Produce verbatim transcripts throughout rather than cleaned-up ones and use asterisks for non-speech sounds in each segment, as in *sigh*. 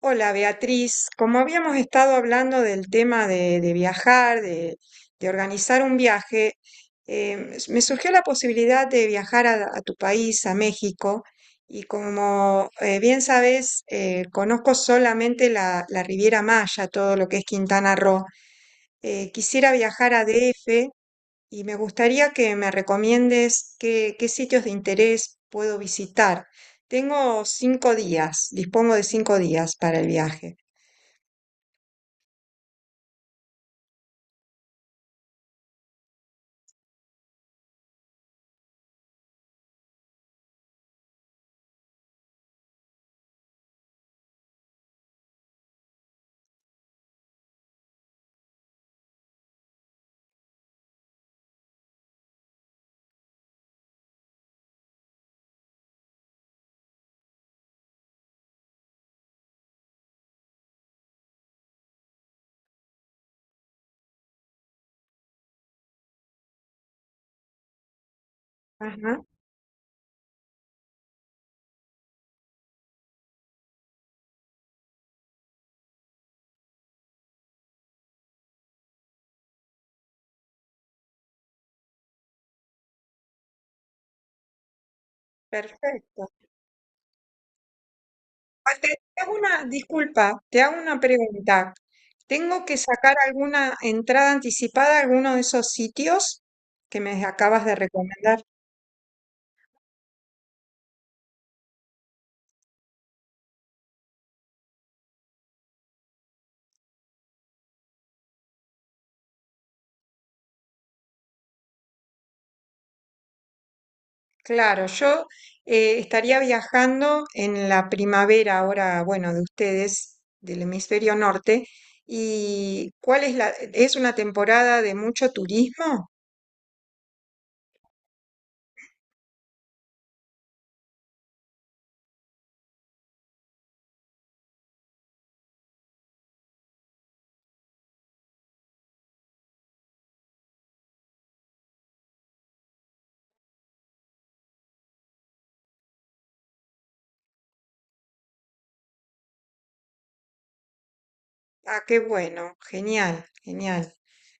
Hola Beatriz, como habíamos estado hablando del tema de, de viajar, de, de organizar un viaje, eh, s- me surgió la posibilidad de viajar a, a tu país, a México, y como eh, bien sabes, eh, conozco solamente la, la Riviera Maya, todo lo que es Quintana Roo. Eh, quisiera viajar a D F y me gustaría que me recomiendes qué, qué sitios de interés puedo visitar. Tengo cinco días, dispongo de cinco días para el viaje. Ajá, perfecto. Ah, te te hago una, disculpa, te hago una pregunta. ¿Tengo que sacar alguna entrada anticipada a alguno de esos sitios que me acabas de recomendar? Claro, yo eh, estaría viajando en la primavera ahora, bueno, de ustedes, del hemisferio norte. ¿Y cuál es la, es una temporada de mucho turismo? Ah, qué bueno, genial, genial.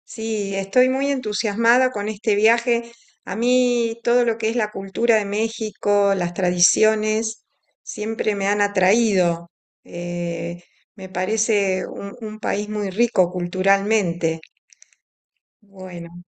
Sí, estoy muy entusiasmada con este viaje. A mí todo lo que es la cultura de México, las tradiciones, siempre me han atraído. Eh, Me parece un, un país muy rico culturalmente. Bueno.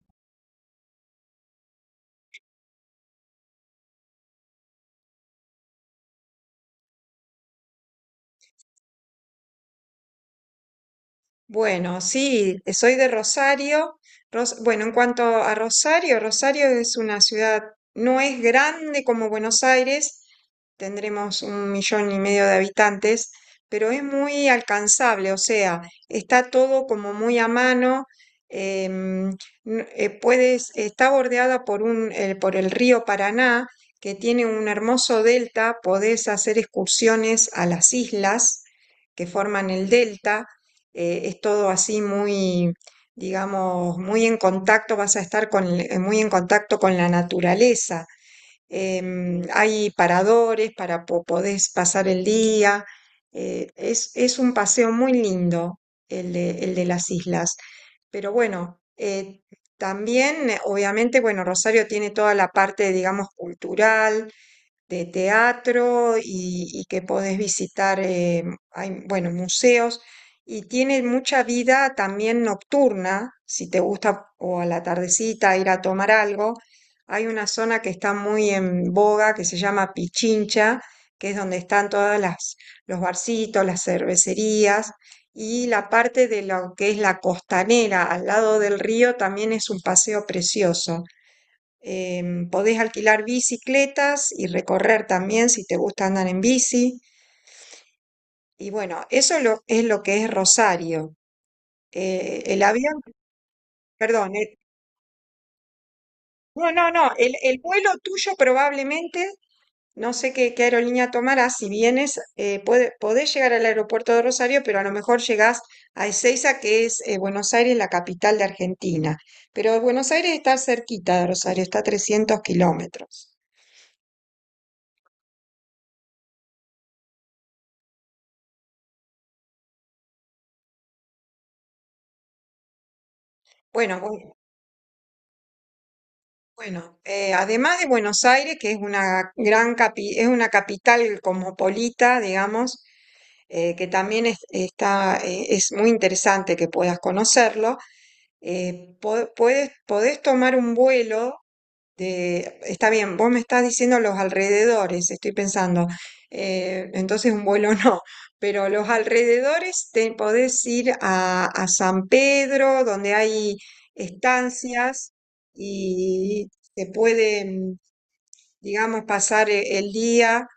Bueno, sí, soy de Rosario. Ros- bueno, en cuanto a Rosario, Rosario es una ciudad, no es grande como Buenos Aires, tendremos un millón y medio de habitantes, pero es muy alcanzable, o sea, está todo como muy a mano. em, n- eh, Puedes, está bordeada por un, eh, por el río Paraná, que tiene un hermoso delta, podés hacer excursiones a las islas que forman el delta. Eh, es todo así muy, digamos, muy en contacto, vas a estar con, el- eh, muy en contacto con la naturaleza. Em, hay paradores para po- podés pasar el día. Eh, es, es un paseo muy lindo el de, el de las islas. Pero bueno, eh, también, eh, obviamente, bueno, Rosario tiene toda la parte, digamos, cultural de teatro y, y que podés visitar, eh, hay, bueno, museos. Y tiene mucha vida también nocturna, si te gusta o a la tardecita ir a tomar algo. Hay una zona que está muy en boga que se llama Pichincha, que es donde están todas las los barcitos, las cervecerías y la parte de lo que es la costanera al lado del río también es un paseo precioso. Em, podés alquilar bicicletas y recorrer también si te gusta andar en bici. Y bueno, eso lo- es lo que es Rosario. Eh, el avión, Perdón, el- no, no, no, el, el vuelo tuyo probablemente, no sé qué, qué aerolínea tomarás, si vienes, eh, puede- podés llegar al aeropuerto de Rosario, pero a lo mejor llegás a Ezeiza, que es eh, Buenos Aires, la capital de Argentina. Pero Buenos Aires está cerquita de Rosario, está a trescientos kilómetros. Bueno, bu- Bueno, eh, además de Buenos Aires, que es una gran capi- es una capital cosmopolita, digamos, eh, que también es, está, eh, es muy interesante que puedas conocerlo, eh, po- puedes, podés tomar un vuelo de- está bien, vos me estás diciendo los alrededores, estoy pensando, eh, entonces un vuelo *laughs* no, pero los alrededores te podés ir a, a San Pedro, donde hay estancias y se puede, mm, digamos, pasar e- el día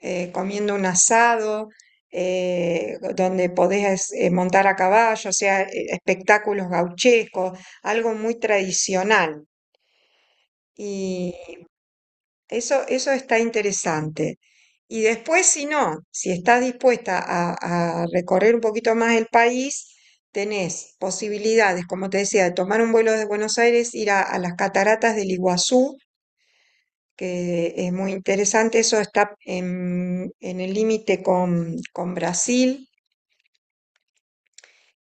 eh, comiendo un asado, eh, donde podés eh, montar a caballo, o sea, eh, espectáculos gauchescos, algo muy tradicional. Eso, eso está interesante. Y después, si no, si estás dispuesta a, a recorrer un poquito más el país, tenés posibilidades, como te decía, de tomar un vuelo desde Buenos Aires, ir a, a las cataratas del Iguazú, que es muy interesante, eso está en, en el límite con, con Brasil.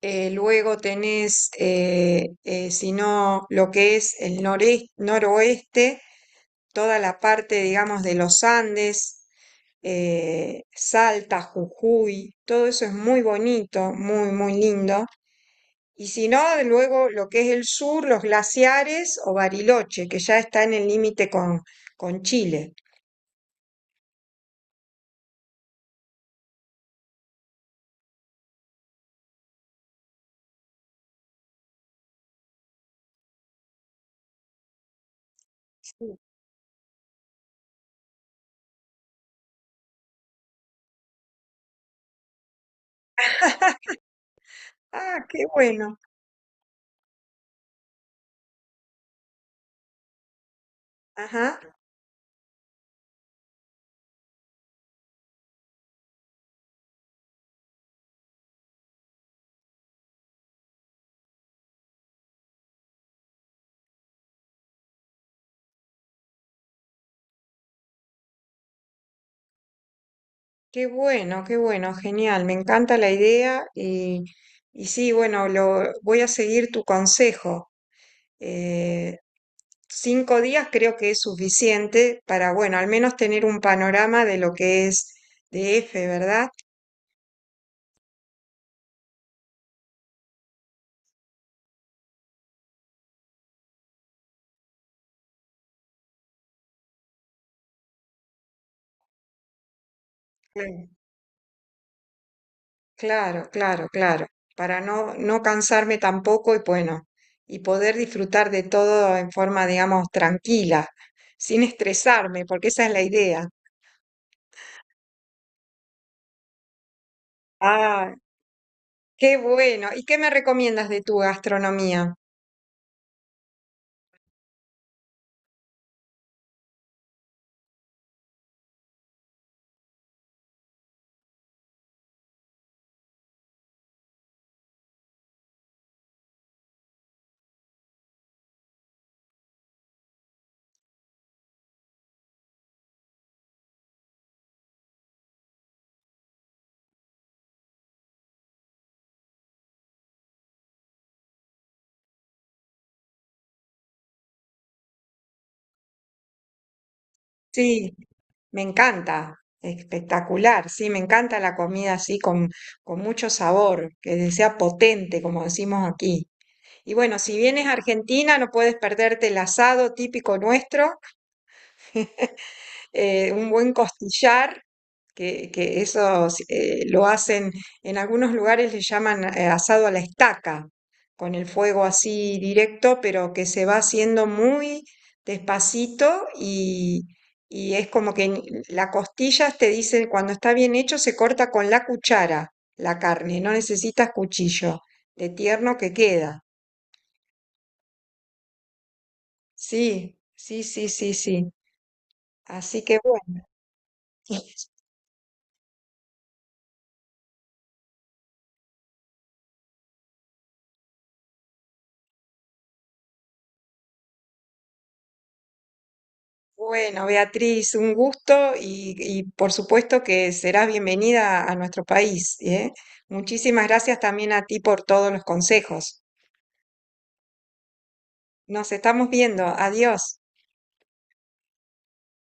Eh, luego tenés, eh, eh, si no, lo que es el noreste, noroeste toda la parte, digamos, de los Andes, eh, Salta, Jujuy, todo eso es muy bonito, muy, muy lindo. Y si no, luego lo que es el sur, los glaciares o Bariloche, que ya está en el límite con, con Chile. Sí. Ah, qué bueno. Ajá, qué bueno, qué bueno, genial. Me encanta la idea y, y sí, bueno, lo, voy a seguir tu consejo. Eh, Cinco días creo que es suficiente para, bueno, al menos tener un panorama de lo que es D F, ¿verdad? Claro, claro, claro, claro, para no, no cansarme tampoco y bueno, y poder disfrutar de todo en forma, digamos, tranquila, sin estresarme, porque esa es la idea. Ah, qué bueno. ¿Y qué me recomiendas de tu gastronomía? Sí, me encanta, espectacular, sí, me encanta la comida así con, con mucho sabor, que sea potente, como decimos aquí. Y bueno, si vienes a Argentina no puedes perderte el asado típico nuestro, eh, un buen costillar, que, que eso eh, lo hacen, en algunos lugares le llaman eh, asado a la estaca, con el fuego así directo, pero que se va haciendo muy despacito y, y es como que ni- la costilla te dicen cuando está bien hecho, se corta con la cuchara la carne, no necesitas cuchillo, de tierno que queda. Sí, sí, sí, sí, sí. Así que bueno. *laughs* Bueno, Beatriz, un gusto y, y por supuesto que serás bienvenida a nuestro país, ¿eh? Muchísimas gracias también a ti por todos los consejos. Nos estamos viendo. Adiós.